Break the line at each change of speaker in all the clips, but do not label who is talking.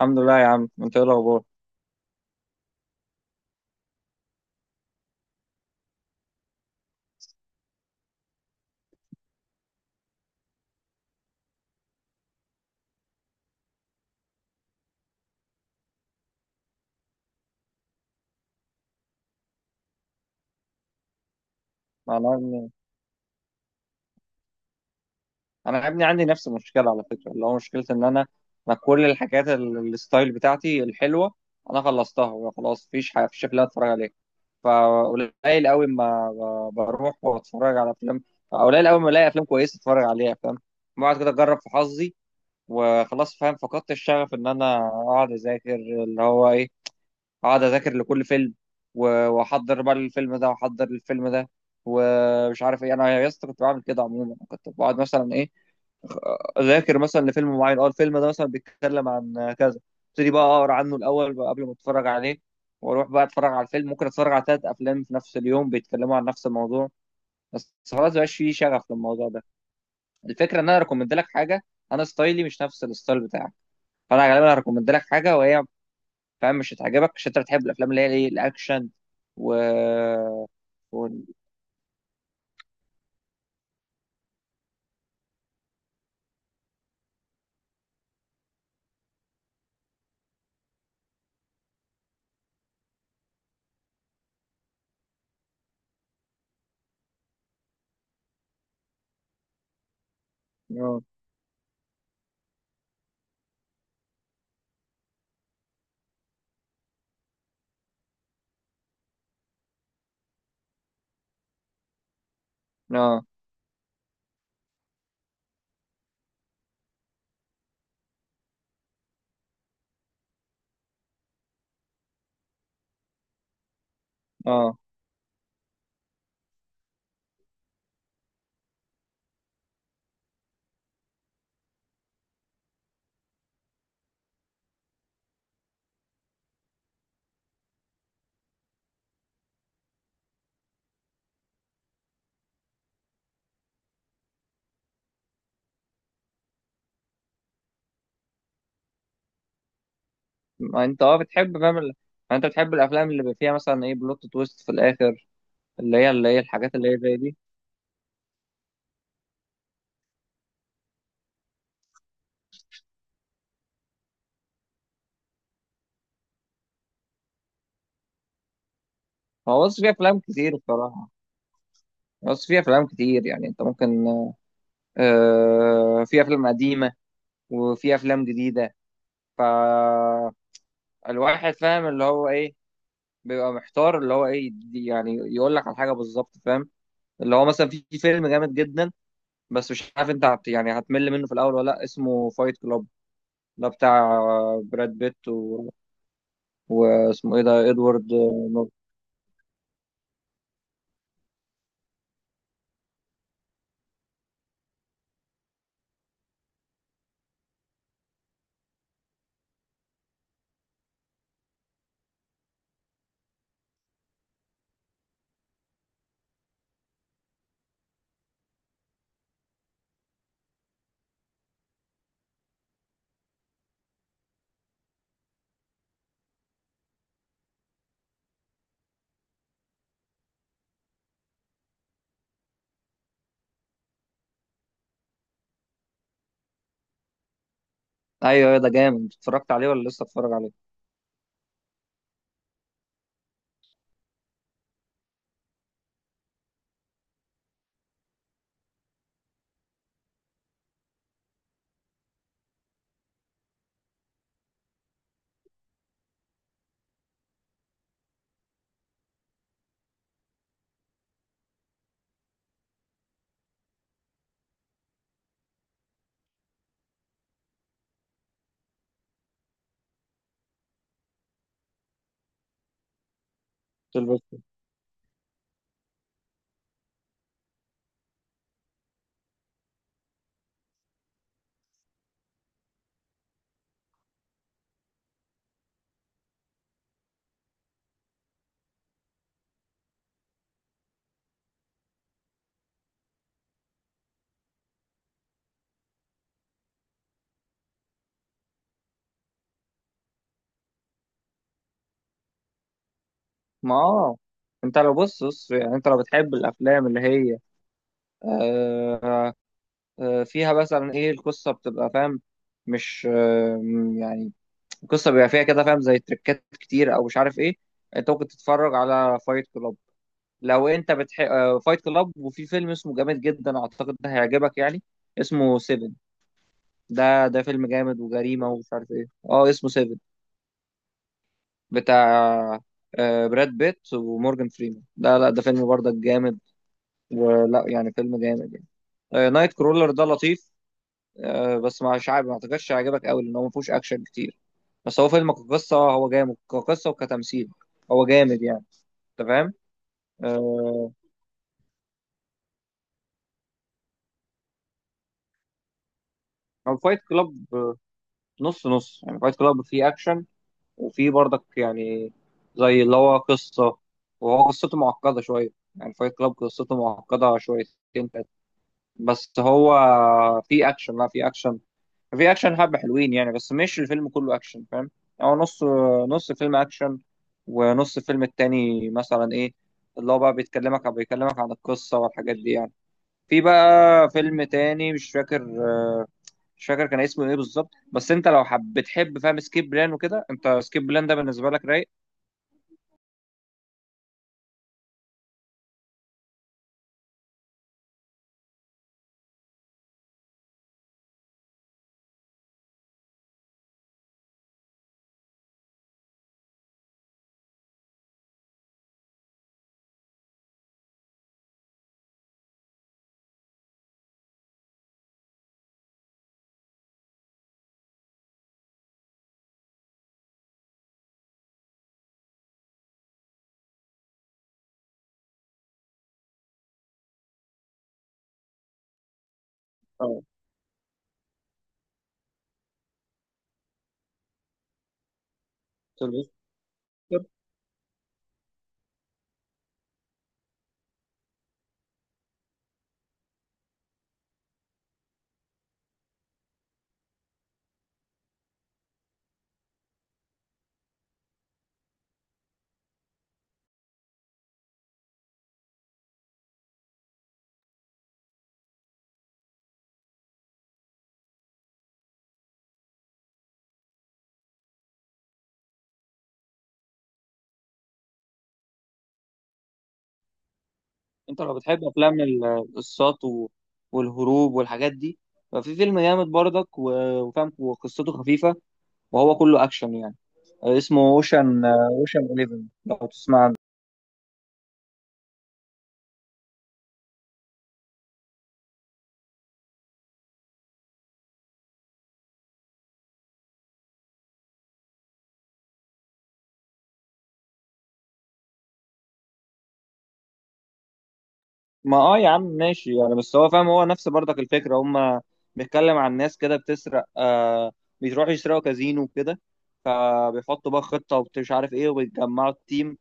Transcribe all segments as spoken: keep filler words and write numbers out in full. الحمد لله يا عم، انت ايه الاخبار؟ انا يا ابني انا يا ابني عندي نفس المشكله على فكره، اللي هو مشكله ان انا انا كل الحاجات ال- الستايل بتاعتي الحلوه انا خلصتها، وخلاص مفيش حاجه، مفيش افلام اتفرج عليها. فقليل قوي ما ب- بروح واتفرج على افلام، قليل قوي ما الاقي افلام كويسه اتفرج عليها، فاهم. بقعد كده اجرب في حظي، وخلاص فاهم فقدت الشغف ان انا اقعد اذاكر اللي هو ايه، اقعد اذاكر لكل فيلم، و- واحضر بقى الفيلم ده واحضر الفيلم ده ومش عارف ايه. انا يا اسطى كنت بعمل كده، عموما كنت بقعد مثلا ايه، اذاكر مثلا لفيلم معين. اه، الفيلم ده مثلا بيتكلم عن كذا، ابتدي بقى اقرا عنه الاول بقى قبل ما اتفرج عليه، واروح بقى اتفرج على الفيلم. ممكن اتفرج على ثلاث افلام في نفس اليوم بيتكلموا عن نفس الموضوع، بس خلاص مبقاش فيه شغف للموضوع ده. الفكره ان انا ريكومند لك حاجه، انا ستايلي مش نفس الستايل بتاعك، فانا غالبا هريكومند لك حاجه وهي فاهم مش هتعجبك، عشان انت بتحب الافلام اللي هي ايه الاكشن و و. اه، اه، اه. ما انت اه بتحب فاهم ال- ما انت بتحب الافلام اللي بيبقى فيها مثلا ايه بلوت تويست في الاخر، اللي هي اللي هي الحاجات اللي هي زي دي. هو بص في افلام كتير بصراحه، بص في افلام كتير. يعني انت ممكن آه، في افلام قديمه وفي افلام جديده، فالواحد فاهم اللي هو ايه، بيبقى محتار اللي هو ايه دي- يعني يقول لك على حاجه بالظبط، فاهم. اللي هو مثلا في في فيلم جامد جدا، بس مش عارف انت هت يعني هتمل منه في الاول ولا لا. اسمه فايت كلاب، ده بتاع براد بيت، و... واسمه ايه ده، ادوارد نورتن. ايوه، ايوه، ده جامد. اتفرجت عليه ولا لسه اتفرج عليه؟ سيلفستر. ما اه، انت لو بص بص يعني، انت لو بتحب الافلام اللي هي آه، آه فيها مثلا ايه، القصه بتبقى فاهم مش آه، م- يعني القصه بيبقى فيها كده فاهم زي تريكات كتير او مش عارف ايه. انت ممكن تتفرج على فايت كلاب لو انت بتح فايت كلاب، وفي فيلم اسمه جامد جدا اعتقد ده هيعجبك يعني، اسمه سيفن. ده ده فيلم جامد وجريمه ومش عارف ايه. اه، اسمه سيفن، بتاع آه، براد بيت ومورجان فريمان. ده لا، ده فيلم برضك جامد، ولا يعني فيلم جامد يعني. آه، نايت كرولر ده لطيف، آه، بس مش عارف، ما اعتقدش هيعجبك قوي لان هو ما فيهوش اكشن كتير، بس هو فيلم كقصه هو جامد، كقصه وكتمثيل هو جامد يعني، انت فاهم. آه، هو فايت كلاب نص نص يعني، فايت كلاب فيه اكشن وفي برضك يعني زي اللي هو قصة، وهو قصته معقدة شوية، يعني فايت كلاب قصته معقدة شويتين تلاتة. بس هو في أكشن، لا في أكشن، في أكشن حبة حلوين يعني، بس مش الفيلم كله أكشن فاهم. يعني هو نص، نص فيلم أكشن، ونص الفيلم التاني مثلا إيه اللي هو بقى بيتكلمك بيكلمك عن القصة والحاجات دي يعني. في بقى فيلم تاني مش فاكر مش فاكر كان اسمه ايه بالظبط، بس انت لو حب بتحب فاهم سكيب بلان وكده. انت سكيب بلان ده بالنسبه لك رايق؟ اه سيلفستر. انت لو بتحب افلام ال- القصات و- والهروب والحاجات دي، ففي فيلم جامد برضك و- وفاهم، وقصته خفيفه وهو كله اكشن يعني. آه، اسمه اوشن، آه، اوشن احداشر لو تسمع عنه. ما اه، يا عم ماشي يعني، بس هو فاهم هو نفس برضك الفكره هم، بيتكلم عن ناس كده بتسرق، آه، بيروحوا يسرقوا كازينو وكده، فبيحطوا بقى خطه ومش عارف ايه وبيتجمعوا التيم.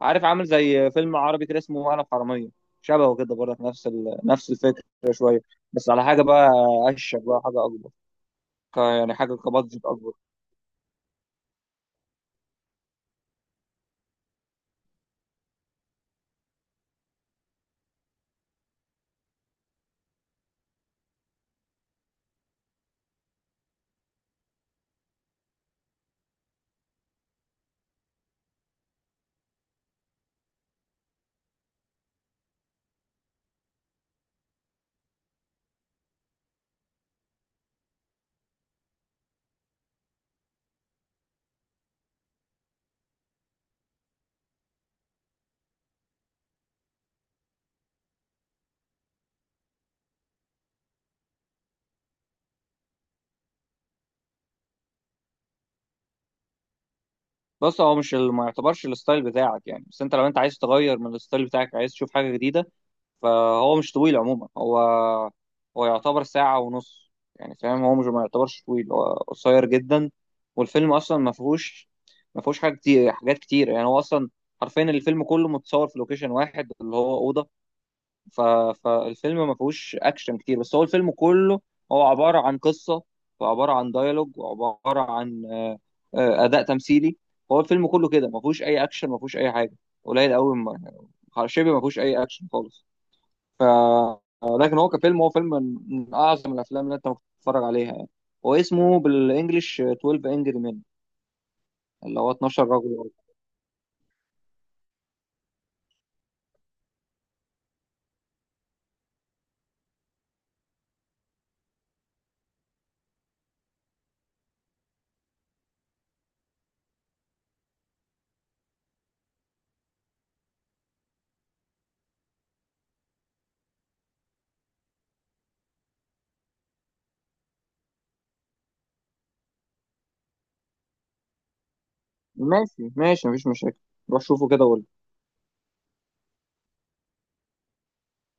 عارف عامل زي فيلم عربي كده اسمه انا في حراميه، شبهه كده برضه، نفس ال... نفس الفكره شويه، بس على حاجه بقى اشيك بقى حاجه اكبر، ك... يعني حاجه كبادجت اكبر. بص هو مش ال... ما يعتبرش الستايل بتاعك يعني، بس انت لو انت عايز تغير من الستايل بتاعك، عايز تشوف حاجه جديده، فهو مش طويل عموما. هو هو يعتبر ساعة ونص يعني فاهم، هو مش، ما يعتبرش طويل، هو قصير جدا. والفيلم أصلا ما فيهوش ما فيهوش حاجة كتير حاجات كتير يعني، هو أصلا حرفيا الفيلم كله متصور في لوكيشن واحد اللي هو أوضة. ف... فالفيلم ما فيهوش اكشن كتير، بس هو الفيلم كله هو عباره عن قصه، وعباره عن ديالوج، وعباره عن آه، اداء تمثيلي. هو الفيلم كله كده ما فيهوش اي اكشن، ما فيهوش اي حاجه، قليل قوي ما شبه ما فيهوش اي اكشن خالص. ف لكن هو كفيلم هو فيلم من من اعظم الافلام اللي انت ممكن تتفرج عليها يعني. هو اسمه بالانجلش اثناشر انجري مان، اللي هو اتناشر رجل. ماشي ماشي مفيش مشاكل، روح شوفه كده وقول.